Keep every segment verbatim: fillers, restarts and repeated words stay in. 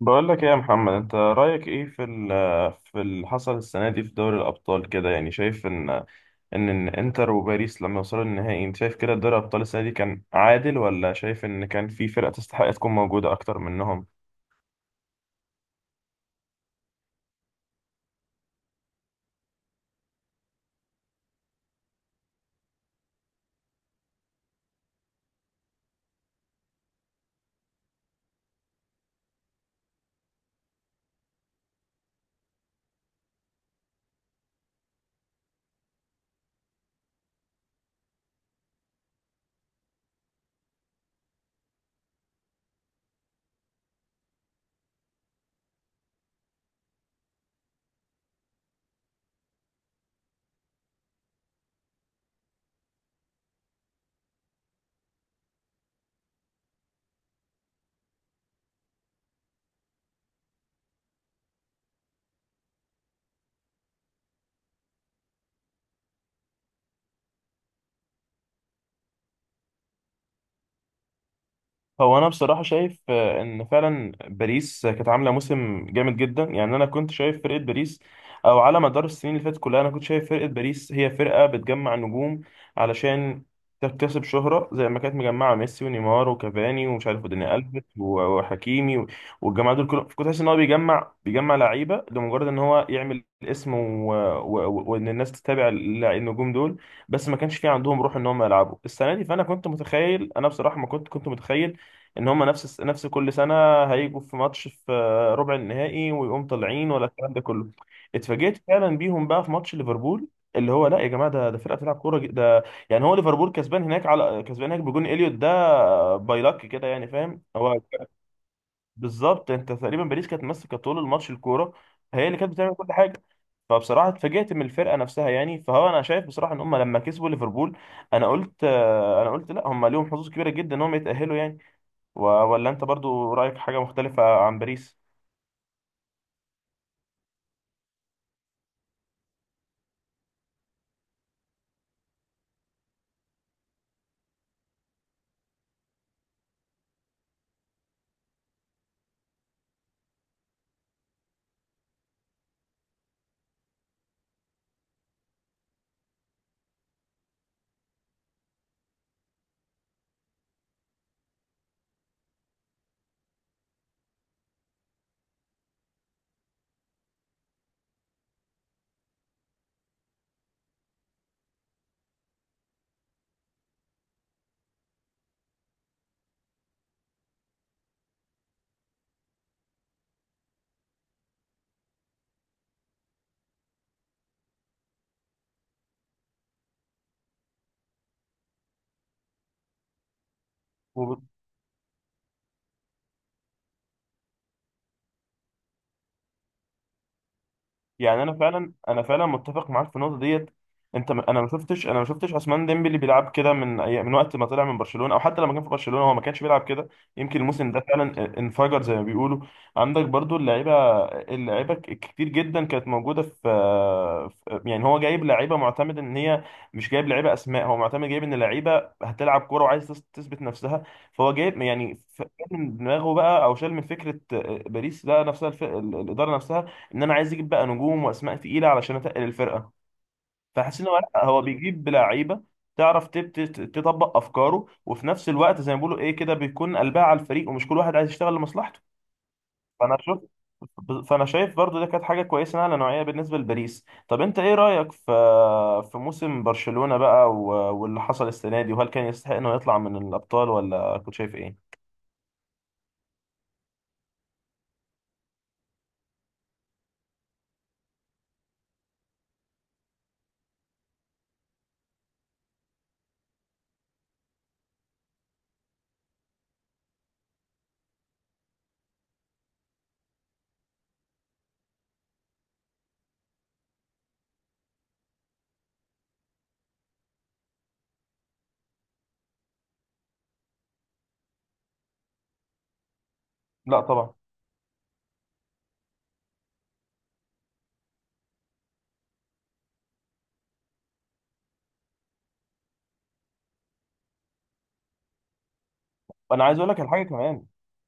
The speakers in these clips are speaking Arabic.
بقول لك ايه يا محمد؟ انت رايك ايه في ال في اللي حصل السنه دي في دوري الابطال كده؟ يعني شايف ان ان إن انتر وباريس لما وصلوا النهائي، انت شايف كده دوري الابطال السنه دي كان عادل، ولا شايف ان كان في فرقه تستحق تكون موجوده اكتر منهم؟ هو انا بصراحه شايف، آه، ان فعلا باريس كانت عامله موسم جامد جدا. يعني انا كنت شايف فرقه باريس او على مدار السنين اللي فاتت كلها، انا كنت شايف فرقه باريس هي فرقه بتجمع نجوم علشان تكتسب شهره، زي ما كانت مجمعه ميسي ونيمار وكافاني ومش عارف وداني الفيس و- وحكيمي و- والجماعه دول كلهم، كنت حاسس ان هو بيجمع بيجمع لعيبه لمجرد ان هو يعمل اسم و... و... و- وان الناس تتابع اللع- النجوم دول. بس ما كانش في عندهم روح ان هم يلعبوا السنه دي. فانا كنت متخيل، انا بصراحه ما كنت كنت متخيل ان هم نفس نفس كل سنه هيجوا في ماتش في ربع النهائي ويقوم طالعين ولا الكلام ده كله. اتفاجئت فعلا بيهم بقى في ماتش ليفربول، اللي هو لا يا جماعه، ده ده فرقه بتلعب كوره ج- ده يعني. هو ليفربول كسبان هناك، على كسبان هناك بجون اليوت، ده باي لك كده يعني، فاهم؟ هو بالظبط، انت تقريبا باريس كانت ماسكه طول الماتش الكوره، هي اللي كانت بتعمل كل حاجه. فبصراحه اتفاجئت من الفرقه نفسها يعني. فهو انا شايف بصراحه ان هم لما كسبوا ليفربول، انا قلت انا قلت لا، هم ليهم حظوظ كبيره جدا ان هم يتاهلوا يعني. و- ولا انت برضو رايك حاجه مختلفه عن باريس؟ يعني انا فعلا انا فعلا متفق معاك في النقطه ديت. انت م- انا ما شفتش انا ما شفتش عثمان ديمبلي بيلعب كده من أي- من وقت ما طلع من برشلونه، او حتى لما كان في برشلونه هو ما كانش بيلعب كده. يمكن الموسم ده فعلا انفجر زي ما بيقولوا. عندك برضو اللعيبه، اللعيبه ك- كتير جدا كانت موجوده في، في- يعني هو جايب لعيبه معتمد ان هي، مش جايب لعيبه اسماء. هو معتمد جايب ان لعيبه هتلعب كوره وعايز تث- تثبت نفسها. فهو جايب يعني، ف- من دماغه بقى او شال من فكره باريس، ده نفسها الف- الاداره نفسها ان انا عايز اجيب بقى نجوم واسماء تقيله علشان اتقل الفرقه. فحاسس ان هو لا، هو بيجيب لعيبه تعرف تت- تت- تطبق افكاره، وفي نفس الوقت زي ما بيقولوا ايه كده، بيكون قلبها على الفريق ومش كل واحد عايز يشتغل لمصلحته. فانا شفت فانا شايف برضو ده كانت حاجه كويسه على نوعيه بالنسبه لباريس. طب انت ايه رايك في في موسم برشلونه بقى و- واللي حصل السنه دي؟ وهل كان يستحق انه يطلع من الابطال ولا كنت شايف ايه؟ لا طبعا. انا عايز اقول لك الحاجه كمان،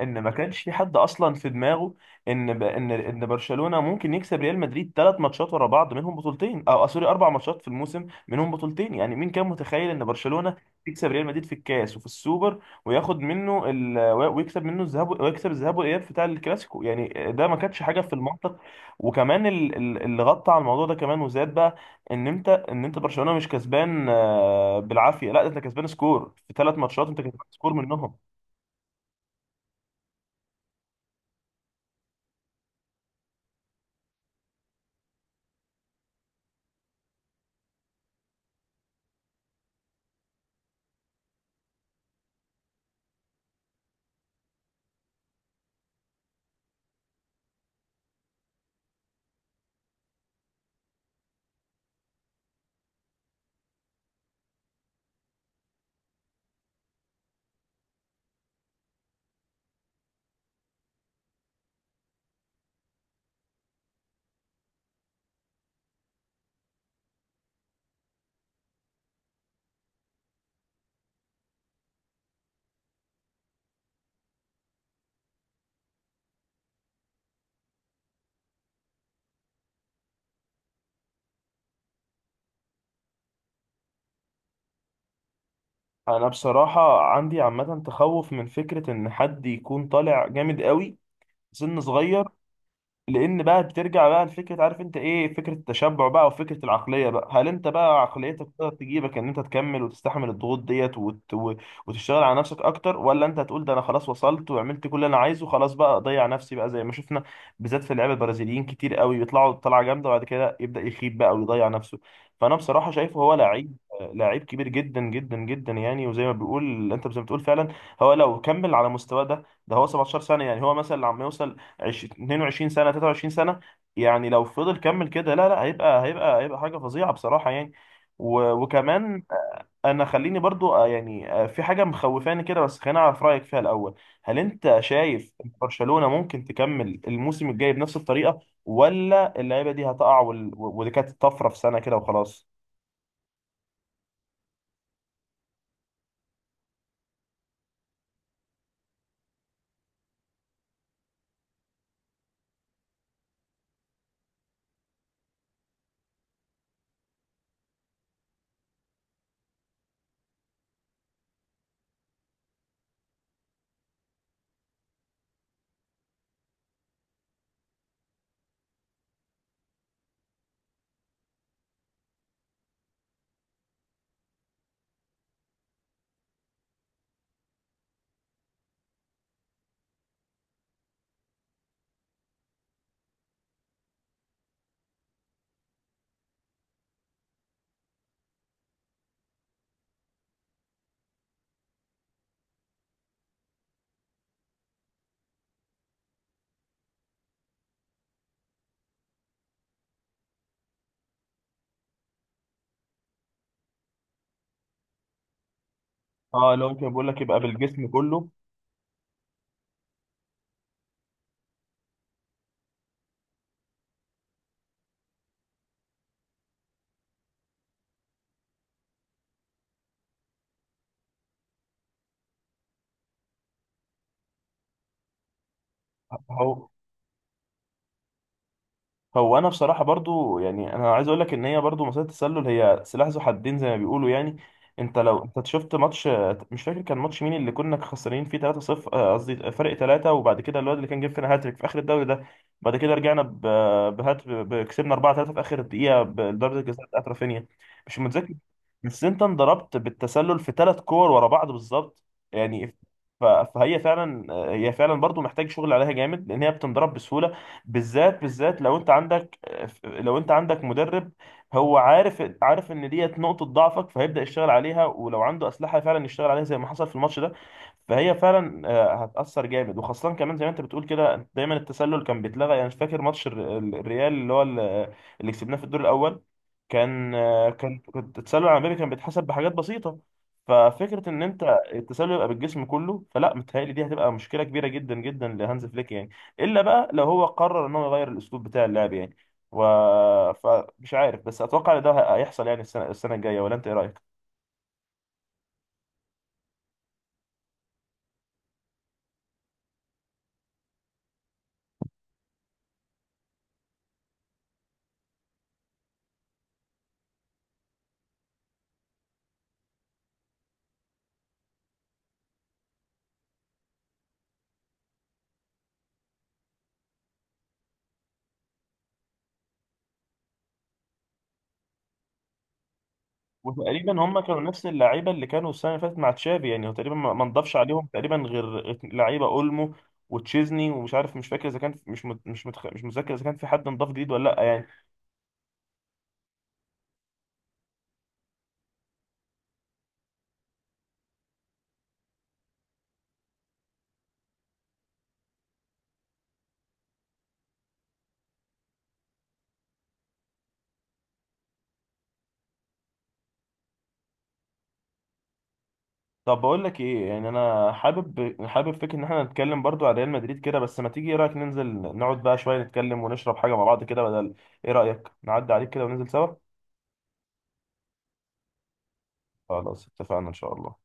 ان ما كانش في حد اصلا في دماغه ان ب... ان ان برشلونه ممكن يكسب ريال مدريد ثلاث ماتشات ورا بعض منهم بطولتين، او آه، سوري، اربع ماتشات في الموسم منهم بطولتين. يعني مين كان متخيل ان برشلونه يكسب ريال مدريد في الكاس وفي السوبر، وياخد منه ال... ويكسب منه الذهاب، ويكسب الذهاب والاياب بتاع الكلاسيكو؟ يعني ده ما كانتش حاجه في المنطق. وكمان ال... ال- اللي غطى على الموضوع ده كمان وزاد بقى، ان انت، ان انت برشلونه مش كسبان، آه، بالعافيه، لا، ده انت كسبان سكور في ثلاث ماتشات، انت كسبان سكور منهم. انا بصراحة عندي عامة تخوف من فكرة ان حد يكون طالع جامد قوي سن صغير، لان بقى بترجع بقى لفكره، عارف انت ايه فكره التشبع بقى وفكره العقليه بقى. هل انت بقى عقليتك تقدر تجيبك ان انت تكمل وتستحمل الضغوط ديت وت... و- وتشتغل على نفسك اكتر، ولا انت هتقول ده انا خلاص وصلت وعملت كل اللي انا عايزه، خلاص بقى اضيع نفسي بقى، زي ما شفنا بالذات في اللعيبه البرازيليين؟ كتير قوي بيطلعوا طلعه جامده وبعد كده يبدا يخيب بقى ويضيع نفسه. فانا بصراحه شايفه هو لعيب لعيب كبير جدا جدا جدا يعني. وزي ما بيقول انت، زي ما بتقول فعلا، هو لو كمل على مستواه ده ده هو سبعتاشر سنه يعني، هو مثلا لما يوصل عش- اتنين وعشرين سنة، تلاتة وعشرين سنة، يعني لو فضل كمل كده، لا لا، هيبقى هيبقى هيبقى حاجة فظيعة بصراحة يعني. و- وكمان انا خليني برضو، آه، يعني، آه، في حاجة مخوفاني كده، بس خليني اعرف رأيك فيها الأول. هل انت شايف إن برشلونة ممكن تكمل الموسم الجاي بنفس الطريقة، ولا اللعيبة دي هتقع وال- ودي كانت طفرة في سنة كده وخلاص؟ اه لو ممكن بقول لك، يبقى بالجسم كله. هو هو انا بصراحه برضو يعني، انا عايز اقول لك ان هي برضو مساله التسلل هي سلاح ذو حدين زي ما بيقولوا يعني. انت لو انت شفت ماتش، مش فاكر كان ماتش مين، اللي كنا خسرانين فيه ثلاثة صفر، آه، قصدي فرق ثلاثة، وبعد كده الواد اللي كان جاب فينا هاتريك في اخر الدوري ده، بعد كده رجعنا ب- بهات ب- كسبنا أربعة ثلاثة في اخر الدقيقه بضربه الجزاء بتاعت رافينيا، مش متذكر. بس انت انضربت بالتسلل في ثلاث كور ورا بعض بالظبط يعني. ف- فهي فعلا، هي فعلا برضو محتاج شغل عليها جامد لان هي بتنضرب بسهوله، بالذات بالذات لو انت عندك، لو انت عندك مدرب هو عارف عارف ان ديت نقطة ضعفك، فهيبدأ يشتغل عليها، ولو عنده أسلحة فعلا يشتغل عليها، زي ما حصل في الماتش ده. فهي فعلا، آه، هتأثر جامد. وخاصة كمان زي ما انت بتقول كده، دايما التسلل كان بيتلغى يعني، مش فاكر ماتش الر- الريال اللي هو ال- اللي كسبناه في الدور الأول، كان، آه، كان كنت التسلل العمودي كان بيتحسب بحاجات بسيطة. ففكرة ان انت التسلل يبقى بالجسم كله، فلا متهيألي دي هتبقى مشكلة كبيرة جدا جدا لهانز فليك يعني، الا بقى لو هو قرر ان هو يغير الاسلوب بتاع اللعب يعني. و... فمش عارف، بس اتوقع ان ده هيحصل يعني السنه السنه الجايه. ولا انت ايه رايك؟ وتقريبا هم كانوا نفس اللعيبه اللي كانوا السنه اللي فاتت مع تشافي يعني. هو تقريبا ما ما نضافش عليهم تقريبا غير ات- لعيبه اولمو وتشيزني، ومش عارف مش فاكر اذا كان مش مت... مش متخ... مش متذكر اذا كان في حد انضاف جديد ولا لا يعني. طب بقول لك ايه يعني، انا حابب حابب فكره ان احنا نتكلم برضو على ريال مدريد كده، بس ما تيجي ايه رايك ننزل نقعد بقى شويه نتكلم ونشرب حاجه مع بعض كده، بدل، ايه رايك نعدي عليك كده وننزل سوا؟ خلاص اتفقنا إن شاء الله.